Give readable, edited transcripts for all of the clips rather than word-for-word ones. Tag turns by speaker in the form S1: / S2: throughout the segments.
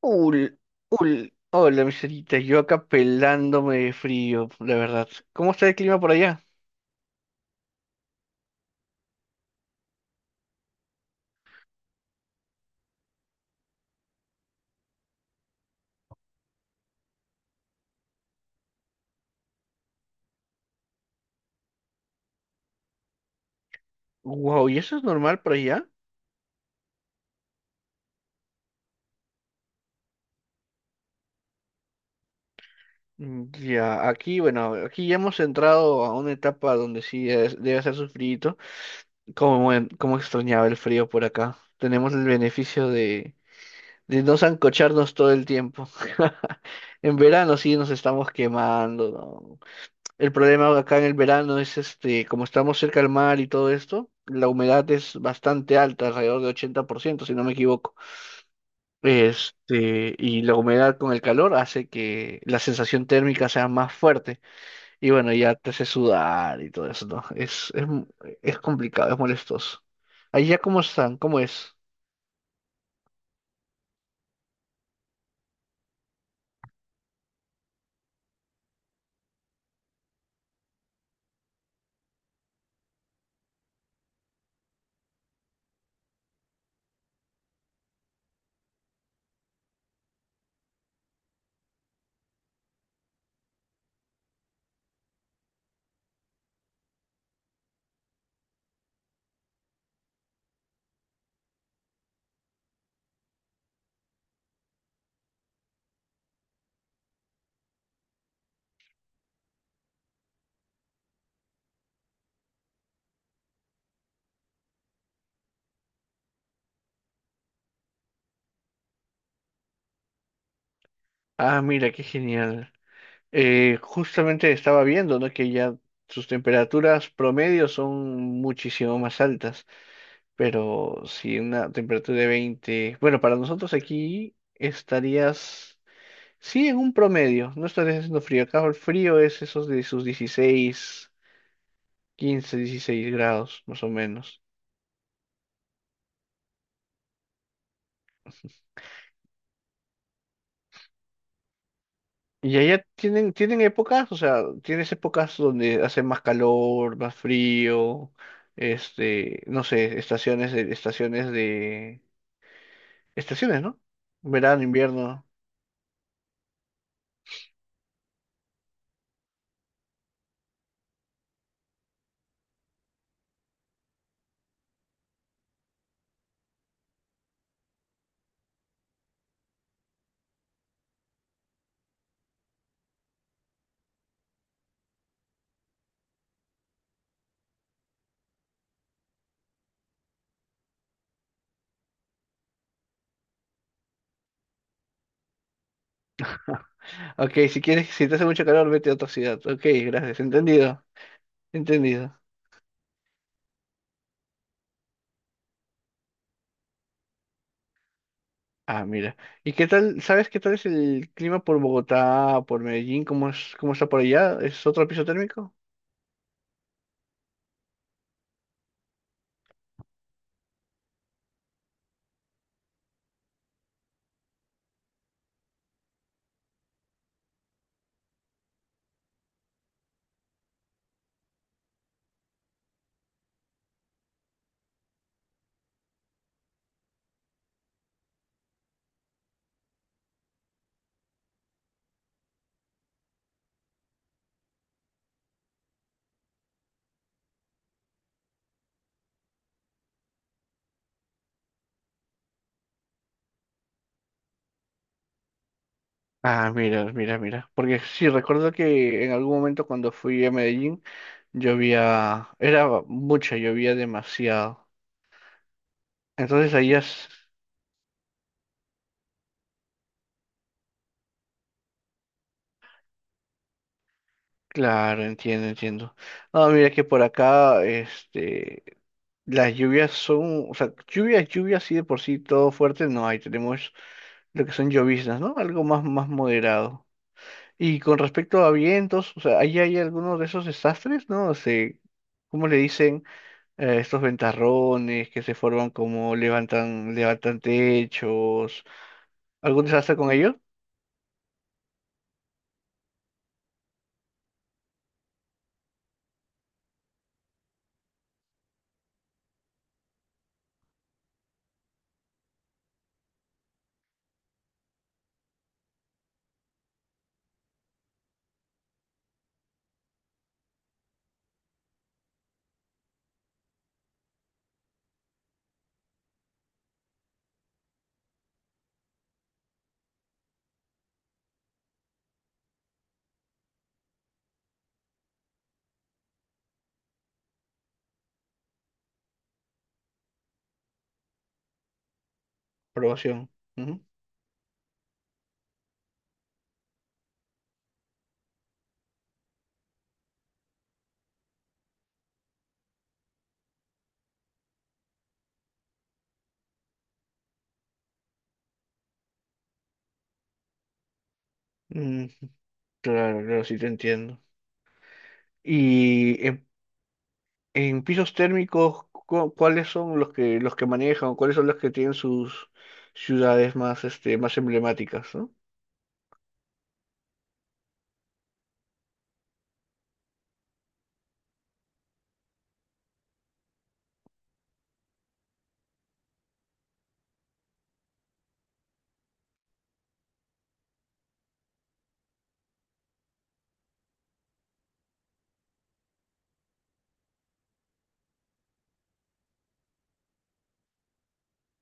S1: Ul, ul, hola, miserita, yo acá pelándome de frío, la verdad. ¿Cómo está el clima por allá? Wow, ¿y eso es normal por allá? Mm, ya, aquí, bueno, aquí ya hemos entrado a una etapa donde sí debe hacer su frío. Como extrañaba el frío por acá. Tenemos el beneficio de no sancocharnos todo el tiempo. En verano sí nos estamos quemando, ¿no? El problema acá en el verano es este, como estamos cerca al mar y todo esto, la humedad es bastante alta, alrededor de 80% si no me equivoco. Este, y la humedad con el calor hace que la sensación térmica sea más fuerte. Y bueno, ya te hace sudar y todo eso, ¿no? Es complicado, es molestoso. Allá cómo están, cómo es. Ah, mira, qué genial. Justamente estaba viendo, ¿no?, que ya sus temperaturas promedio son muchísimo más altas. Pero si una temperatura de 20, bueno, para nosotros aquí estarías, sí, en un promedio, no estarías haciendo frío. Acá el frío es esos de sus 16, 15, 16 grados, más o menos. Y allá tienen, épocas, o sea, tienes épocas donde hace más calor, más frío, este, no sé, estaciones, ¿no? Verano, invierno. Ok, si quieres, si te hace mucho calor, vete a otra ciudad. Ok, gracias, entendido. Entendido. Ah, mira. ¿Y qué tal, sabes qué tal es el clima por Bogotá, por Medellín? ¿Cómo es, cómo está por allá? ¿Es otro piso térmico? Ah, mira, mira, mira. Porque sí, recuerdo que en algún momento cuando fui a Medellín llovía, era mucha, llovía demasiado. Entonces allá es, claro, entiendo, entiendo. Ah, mira que por acá, este, las lluvias son, o sea, lluvias, lluvias, sí de por sí, todo fuerte no hay. Tenemos lo que son lloviznas, ¿no? Algo más, más moderado. Y con respecto a vientos, o sea, ahí hay algunos de esos desastres, ¿no? O sea, ¿cómo le dicen estos ventarrones que se forman como levantan, levantan techos? ¿Algún desastre con ellos? Probación. Ujú. Mm, claro, claro, sí te entiendo. Y en, pisos térmicos, ¿cuáles son los que manejan o cuáles son los que tienen sus ciudades más más emblemáticas, ¿no?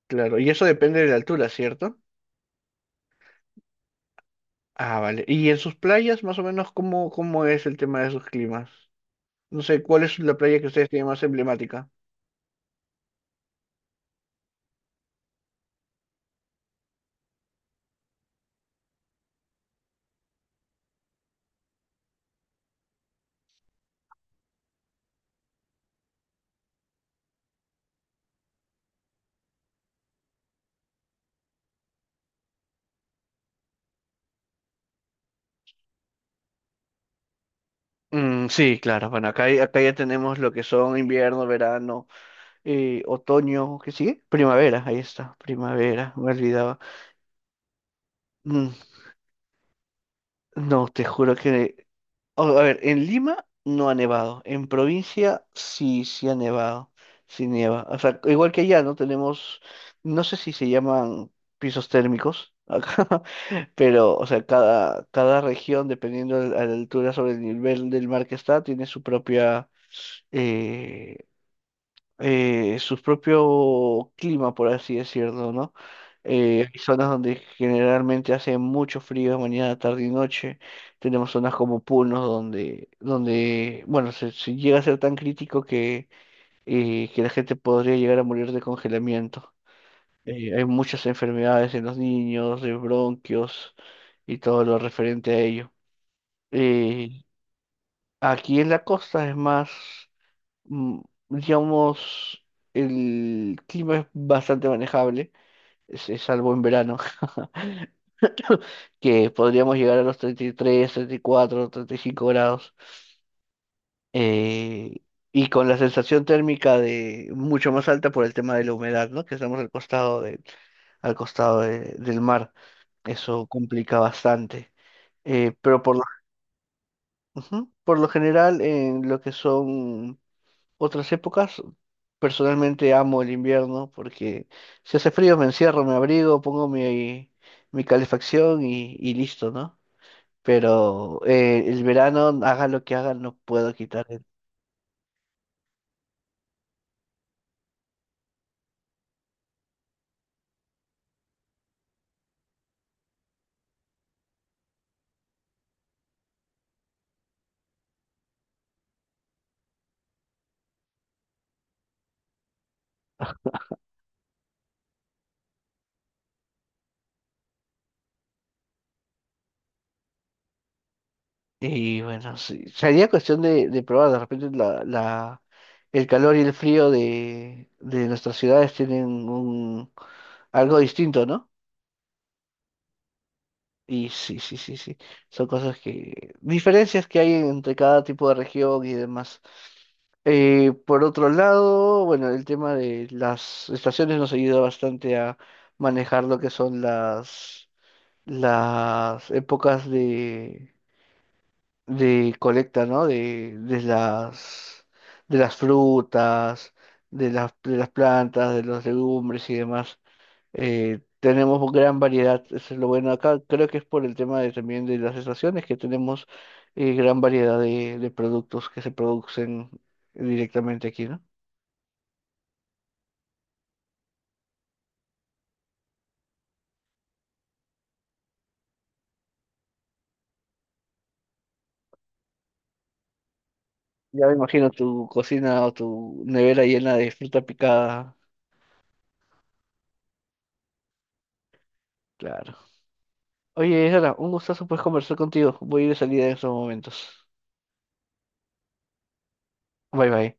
S1: Claro, y eso depende de la altura, ¿cierto? Ah, vale. ¿Y en sus playas, más o menos, cómo es el tema de sus climas? No sé, ¿cuál es la playa que ustedes tienen más emblemática? Mm, sí, claro. Bueno, acá, acá ya tenemos lo que son invierno, verano, otoño, ¿qué sigue? Primavera, ahí está, primavera, me olvidaba. Mm, no, te juro que... Oh, a ver, en Lima no ha nevado, en provincia sí, sí ha nevado, sí nieva. O sea, igual que allá, ¿no? Tenemos, no sé si se llaman pisos térmicos acá. Pero, o sea, cada, región, dependiendo de la altura sobre el nivel del mar que está, tiene su propia, eh, su propio clima, por así decirlo, ¿no? Hay zonas donde generalmente hace mucho frío, mañana, tarde y noche. Tenemos zonas como Puno, donde, bueno, se llega a ser tan crítico que la gente podría llegar a morir de congelamiento. Hay muchas enfermedades en los niños, de bronquios y todo lo referente a ello. Eh, Aquí en la costa es más, mm, digamos, el clima es bastante manejable, es salvo en verano, que podríamos llegar a los 30, treinta y tres, 34, 35 grados. eh, y con la sensación térmica de mucho más alta por el tema de la humedad, ¿no? Que estamos al costado del, al costado del mar. Eso complica bastante. Pero ujú, por lo general, en lo que son otras épocas, personalmente amo el invierno porque si hace frío me encierro, me abrigo, pongo mi, calefacción y listo, ¿no? Pero el verano, haga lo que haga, no puedo quitar. Y bueno, sí, sería cuestión de, probar. De repente el calor y el frío de nuestras ciudades tienen algo distinto, ¿no? Y sí, sí, sí, sí, son cosas diferencias que hay entre cada tipo de región y demás. Por otro lado, bueno, el tema de las estaciones nos ayuda bastante a manejar lo que son las, épocas de colecta, ¿no? De, de las frutas, de las plantas, de los legumbres y demás. Tenemos gran variedad, eso es lo bueno acá. Creo que es por el tema de, también de las estaciones que tenemos gran variedad de productos que se producen directamente aquí, ¿no? Ya me imagino tu cocina o tu nevera llena de fruta picada. Claro. Oye, Sara, un gustazo pues conversar contigo. Voy a ir de salida en estos momentos. Bye bye.